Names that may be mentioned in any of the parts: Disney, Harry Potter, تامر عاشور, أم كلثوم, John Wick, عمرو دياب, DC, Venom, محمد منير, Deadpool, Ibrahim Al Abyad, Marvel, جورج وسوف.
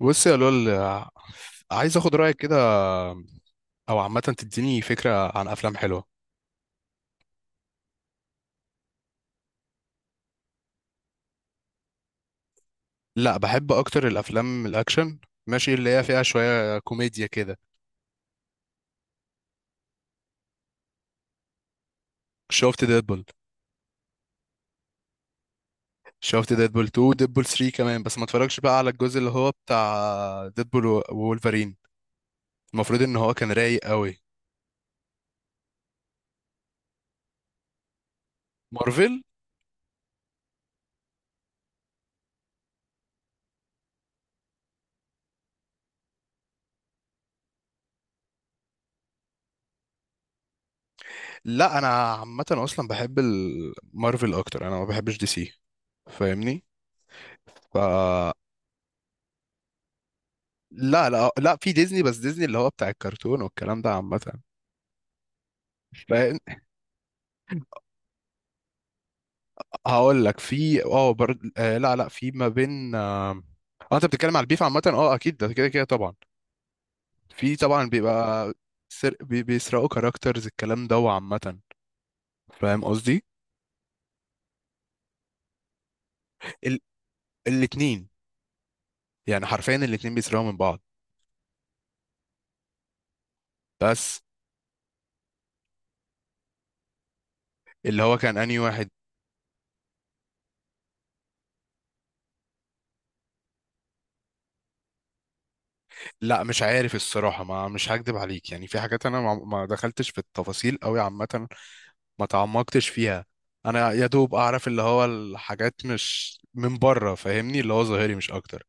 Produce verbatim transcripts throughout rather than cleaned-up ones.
بص يا لول، عايز اخد رايك كده، او عامه تديني فكره عن افلام حلوه. لا، بحب اكتر الافلام الاكشن، ماشي، اللي هي فيها شويه كوميديا كده. شفت ديدبول. شفت ديدبول اتنين، ديدبول تلاتة كمان، بس ما اتفرجش بقى على الجزء اللي هو بتاع ديدبول و- وولفرين. المفروض ان هو كان رايق قوي. مارفل. لا انا عامه اصلا بحب ال- مارفل اكتر، انا ما بحبش دي سي، فاهمني؟ ف لا لا لا، في ديزني، بس ديزني اللي هو بتاع الكرتون والكلام ده عامه. لأن- هقول لك، في اه برد، آه لا لا في ما بين، آه. آه، انت بتتكلم على البيف عامة، اه اكيد ده كده كده طبعا. في طبعا بيبقى سر... بي- بيسرقوا كاركترز الكلام ده وعامة، فاهم قصدي؟ ال... الاتنين، يعني حرفيا الاتنين بيسرقوا من بعض. بس اللي هو كان انهي واحد؟ لا مش عارف الصراحة، ما مش هكدب عليك، يعني في حاجات انا ما ما دخلتش في التفاصيل قوي عامة، ما تعمقتش فيها. انا يا دوب اعرف اللي هو الحاجات مش من بره، فاهمني، اللي هو ظاهري مش اكتر.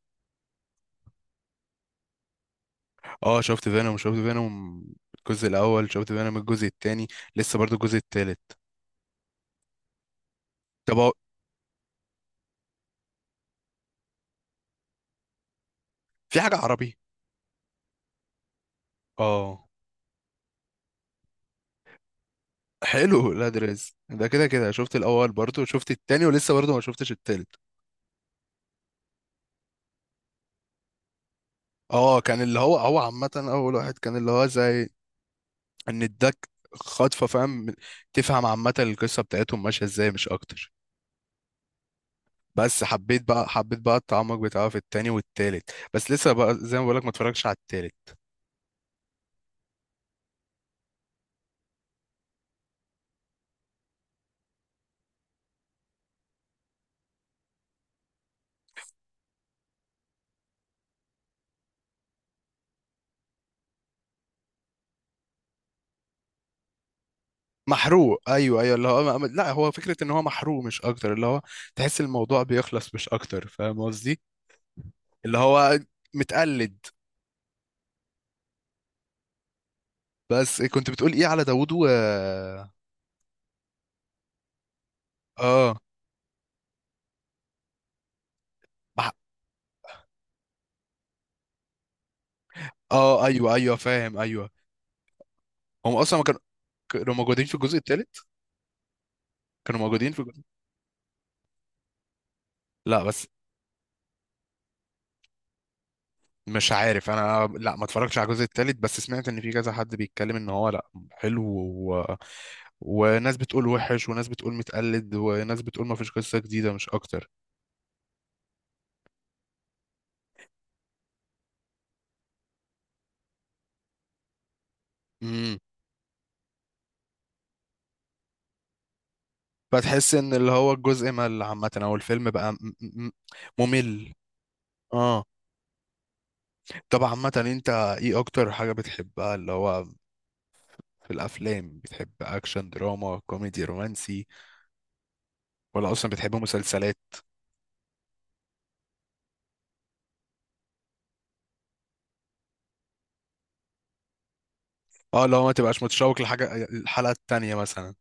اه شفت فينوم، شفت فينوم الجزء الاول، شفت فينوم الجزء التاني، لسه برضو الجزء التالت. طب هو في حاجه عربي؟ اه. حلو لا دريس ده كده كده شفت الاول، برضو شفت التاني، ولسه برضو ما شفتش التالت. اه كان اللي هو هو عامه اول واحد كان اللي هو زي ان اداك خطفه، فاهم؟ تفهم عامه القصه بتاعتهم ماشيه ازاي مش اكتر. بس حبيت بقى، حبيت بقى التعمق بتاعه في التاني والتالت، بس لسه بقى زي ما بقولك ما اتفرجتش على التالت. محروق، ايوه ايوه اللي هو لا، هو فكره ان هو محروق مش اكتر، اللي هو تحس الموضوع بيخلص مش اكتر، فاهم قصدي؟ اللي هو متقلد. بس كنت بتقول ايه على داوود و اه مح... اه ايوه ايوه فاهم ايوه. هم اصلا ما كانوا، كانوا موجودين في الجزء الثالث، كانوا موجودين في الجزء. لا بس مش عارف انا، لا ما اتفرجتش على الجزء الثالث، بس سمعت ان في كذا حد بيتكلم ان هو لا حلو، و... وناس بتقول وحش، وناس بتقول متقلد، وناس بتقول ما فيش قصه جديده مش اكتر. امم. فتحس ان اللي هو الجزء مل عامة، او الفيلم بقى م- م- ممل. اه. طب عامة انت ايه اكتر حاجة بتحبها اللي هو في الافلام؟ بتحب اكشن، دراما، كوميدي، رومانسي، ولا اصلا بتحب مسلسلات؟ اه، لو ما تبقاش متشوق لحاجة الحلقة التانية مثلا.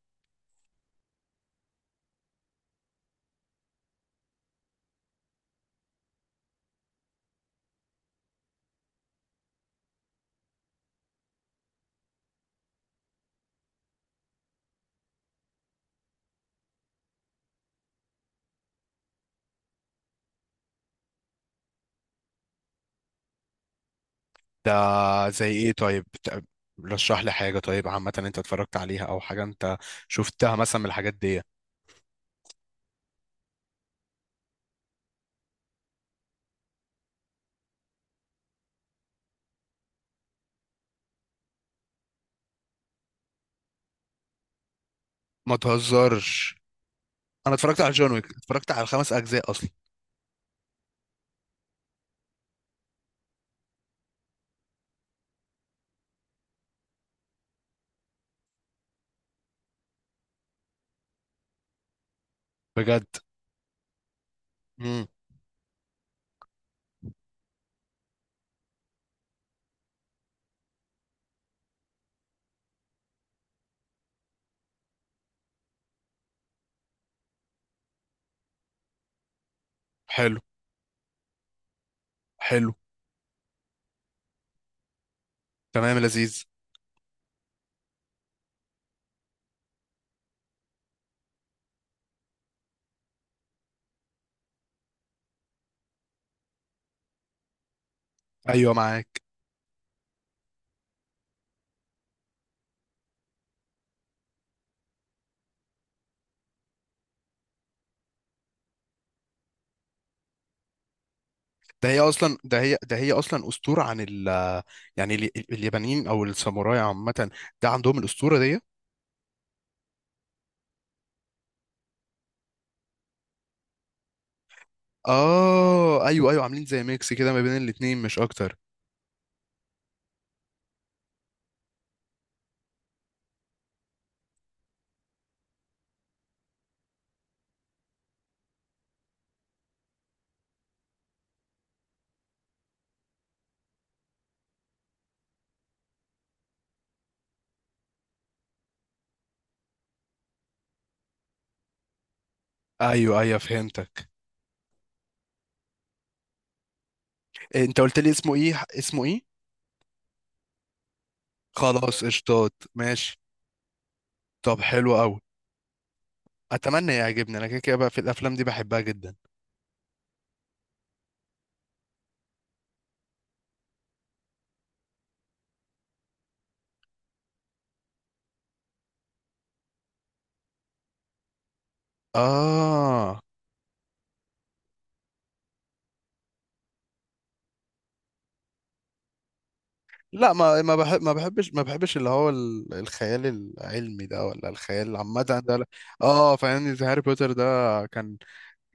ده زي ايه طيب؟ بت- رشح لي حاجة، طيب، عامة انت اتفرجت عليها او حاجة انت شفتها مثلا من الحاجات دي. ما تهزرش! انا اتفرجت على جون ويك، اتفرجت على الخمس اجزاء اصلا. بجد؟ امم. حلو. حلو. تمام يا لذيذ. ايوه معاك. ده هي اصلا، ده هي ده هي اصلا اسطوره عن ال، يعني ال- اليابانيين او الساموراي عامه، ده عندهم الاسطوره دي. اه ايوه ايوه، عاملين زي ميكس كده ما بين الاتنين مش اكتر. ايوه ايوه فهمتك. إيه، انت قلت لي اسمه ايه؟ اسمه ايه؟ خلاص قشطات، ماشي. طب حلو قوي، اتمنى يعجبني، انا كده كده بقى في الافلام دي بحبها جدا. اه لا، ما ما بحب، ما بحبش ما بحبش اللي هو ال- الخيال العلمي ده، ولا الخيال عامة ده، لا. اه فاهمني، زي هاري بوتر ده، كان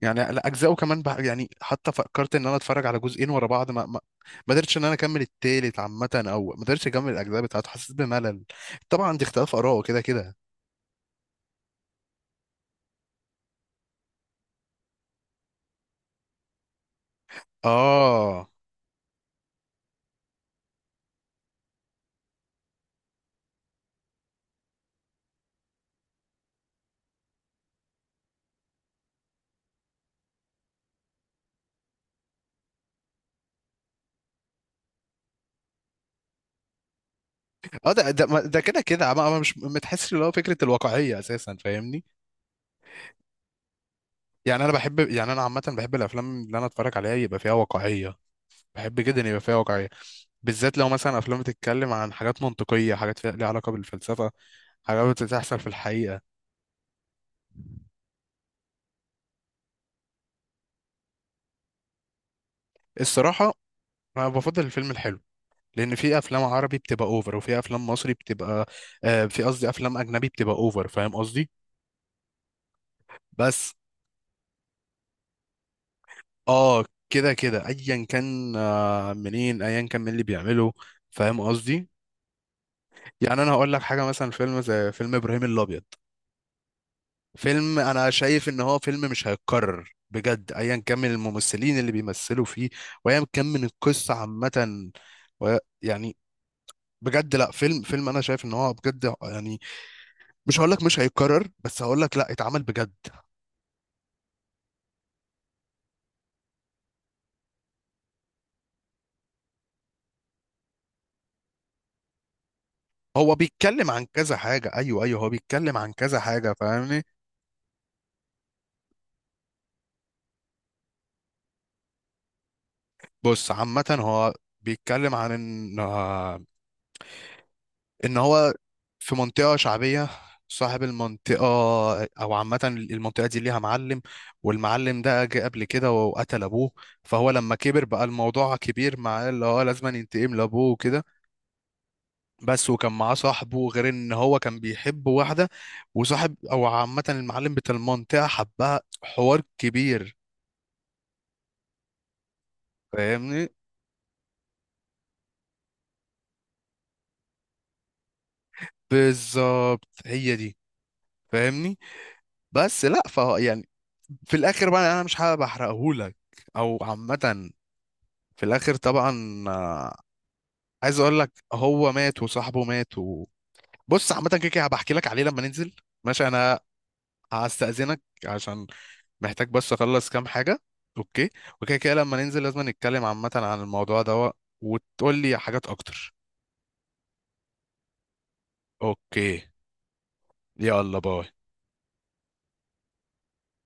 يعني لا، اجزائه كمان بح- يعني، حتى فكرت ان انا اتفرج على جزئين ورا بعض، ما ما, ما قدرتش ان انا اكمل التالت عامة، او ما قدرتش اكمل الاجزاء بتاعته، حسيت بملل. طبعا دي اختلاف اراء كده كده. اه اه، ده ده ما- ده كده كده، ما ما- مش متحسش اللي هو فكرة الواقعية اساسا، فاهمني؟ يعني انا بحب، يعني انا عامة بحب الافلام اللي انا اتفرج عليها يبقى فيها واقعية. بحب جدا يبقى فيها واقعية، بالذات لو مثلا افلام بتتكلم عن حاجات منطقيه، حاجات فيها- ليها علاقه بالفلسفه، حاجات بتحصل في الحقيقه. الصراحه انا بفضل الفيلم الحلو، لان في افلام عربي بتبقى اوفر، وفي افلام مصري بتبقى، آه في قصدي افلام اجنبي بتبقى اوفر، فاهم قصدي؟ بس اه كده كده، ايا كان، آه منين، ايا كان مين اللي بيعمله، فاهم قصدي؟ يعني انا هقول لك حاجه، مثلا فيلم زي فيلم ابراهيم الابيض، فيلم انا شايف ان هو فيلم مش هيتكرر بجد، ايا كان من الممثلين اللي بيمثلوا فيه، وايا كان من القصه عامه، و- يعني بجد لا، فيلم فيلم انا شايف ان هو بجد يعني مش هقول لك مش هيتكرر، بس هقول لك لا اتعمل بجد. هو بيتكلم عن كذا حاجه، ايوه ايوه، هو بيتكلم عن كذا حاجه فاهمني. بص عامه هو بيتكلم عن ان ان هو في منطقة شعبية، صاحب المنطقة، أو عامة المنطقة دي ليها معلم، والمعلم ده جه قبل كده وقتل أبوه، فهو لما كبر بقى الموضوع كبير معاه اللي هو لازم ينتقم لأبوه وكده. بس وكان معاه صاحبه، غير إن هو كان بيحب واحدة، وصاحب أو عامة المعلم بتاع المنطقة حبها، حوار كبير فاهمني. بالظبط، هي دي، فاهمني. بس لا ف يعني، في الآخر بقى أنا مش حابب أحرقهولك، أو عامة في الاخر طبعا آه، عايز اقول لك هو مات وصاحبه مات و... بص عامه كده كده هبحكي لك عليه لما ننزل. ماشي انا هستأذنك عشان محتاج بس اخلص كام حاجه. اوكي، وكده كده لما ننزل لازم نتكلم عامه عن الموضوع ده، وتقول لي حاجات اكتر. اوكي، يلا باي.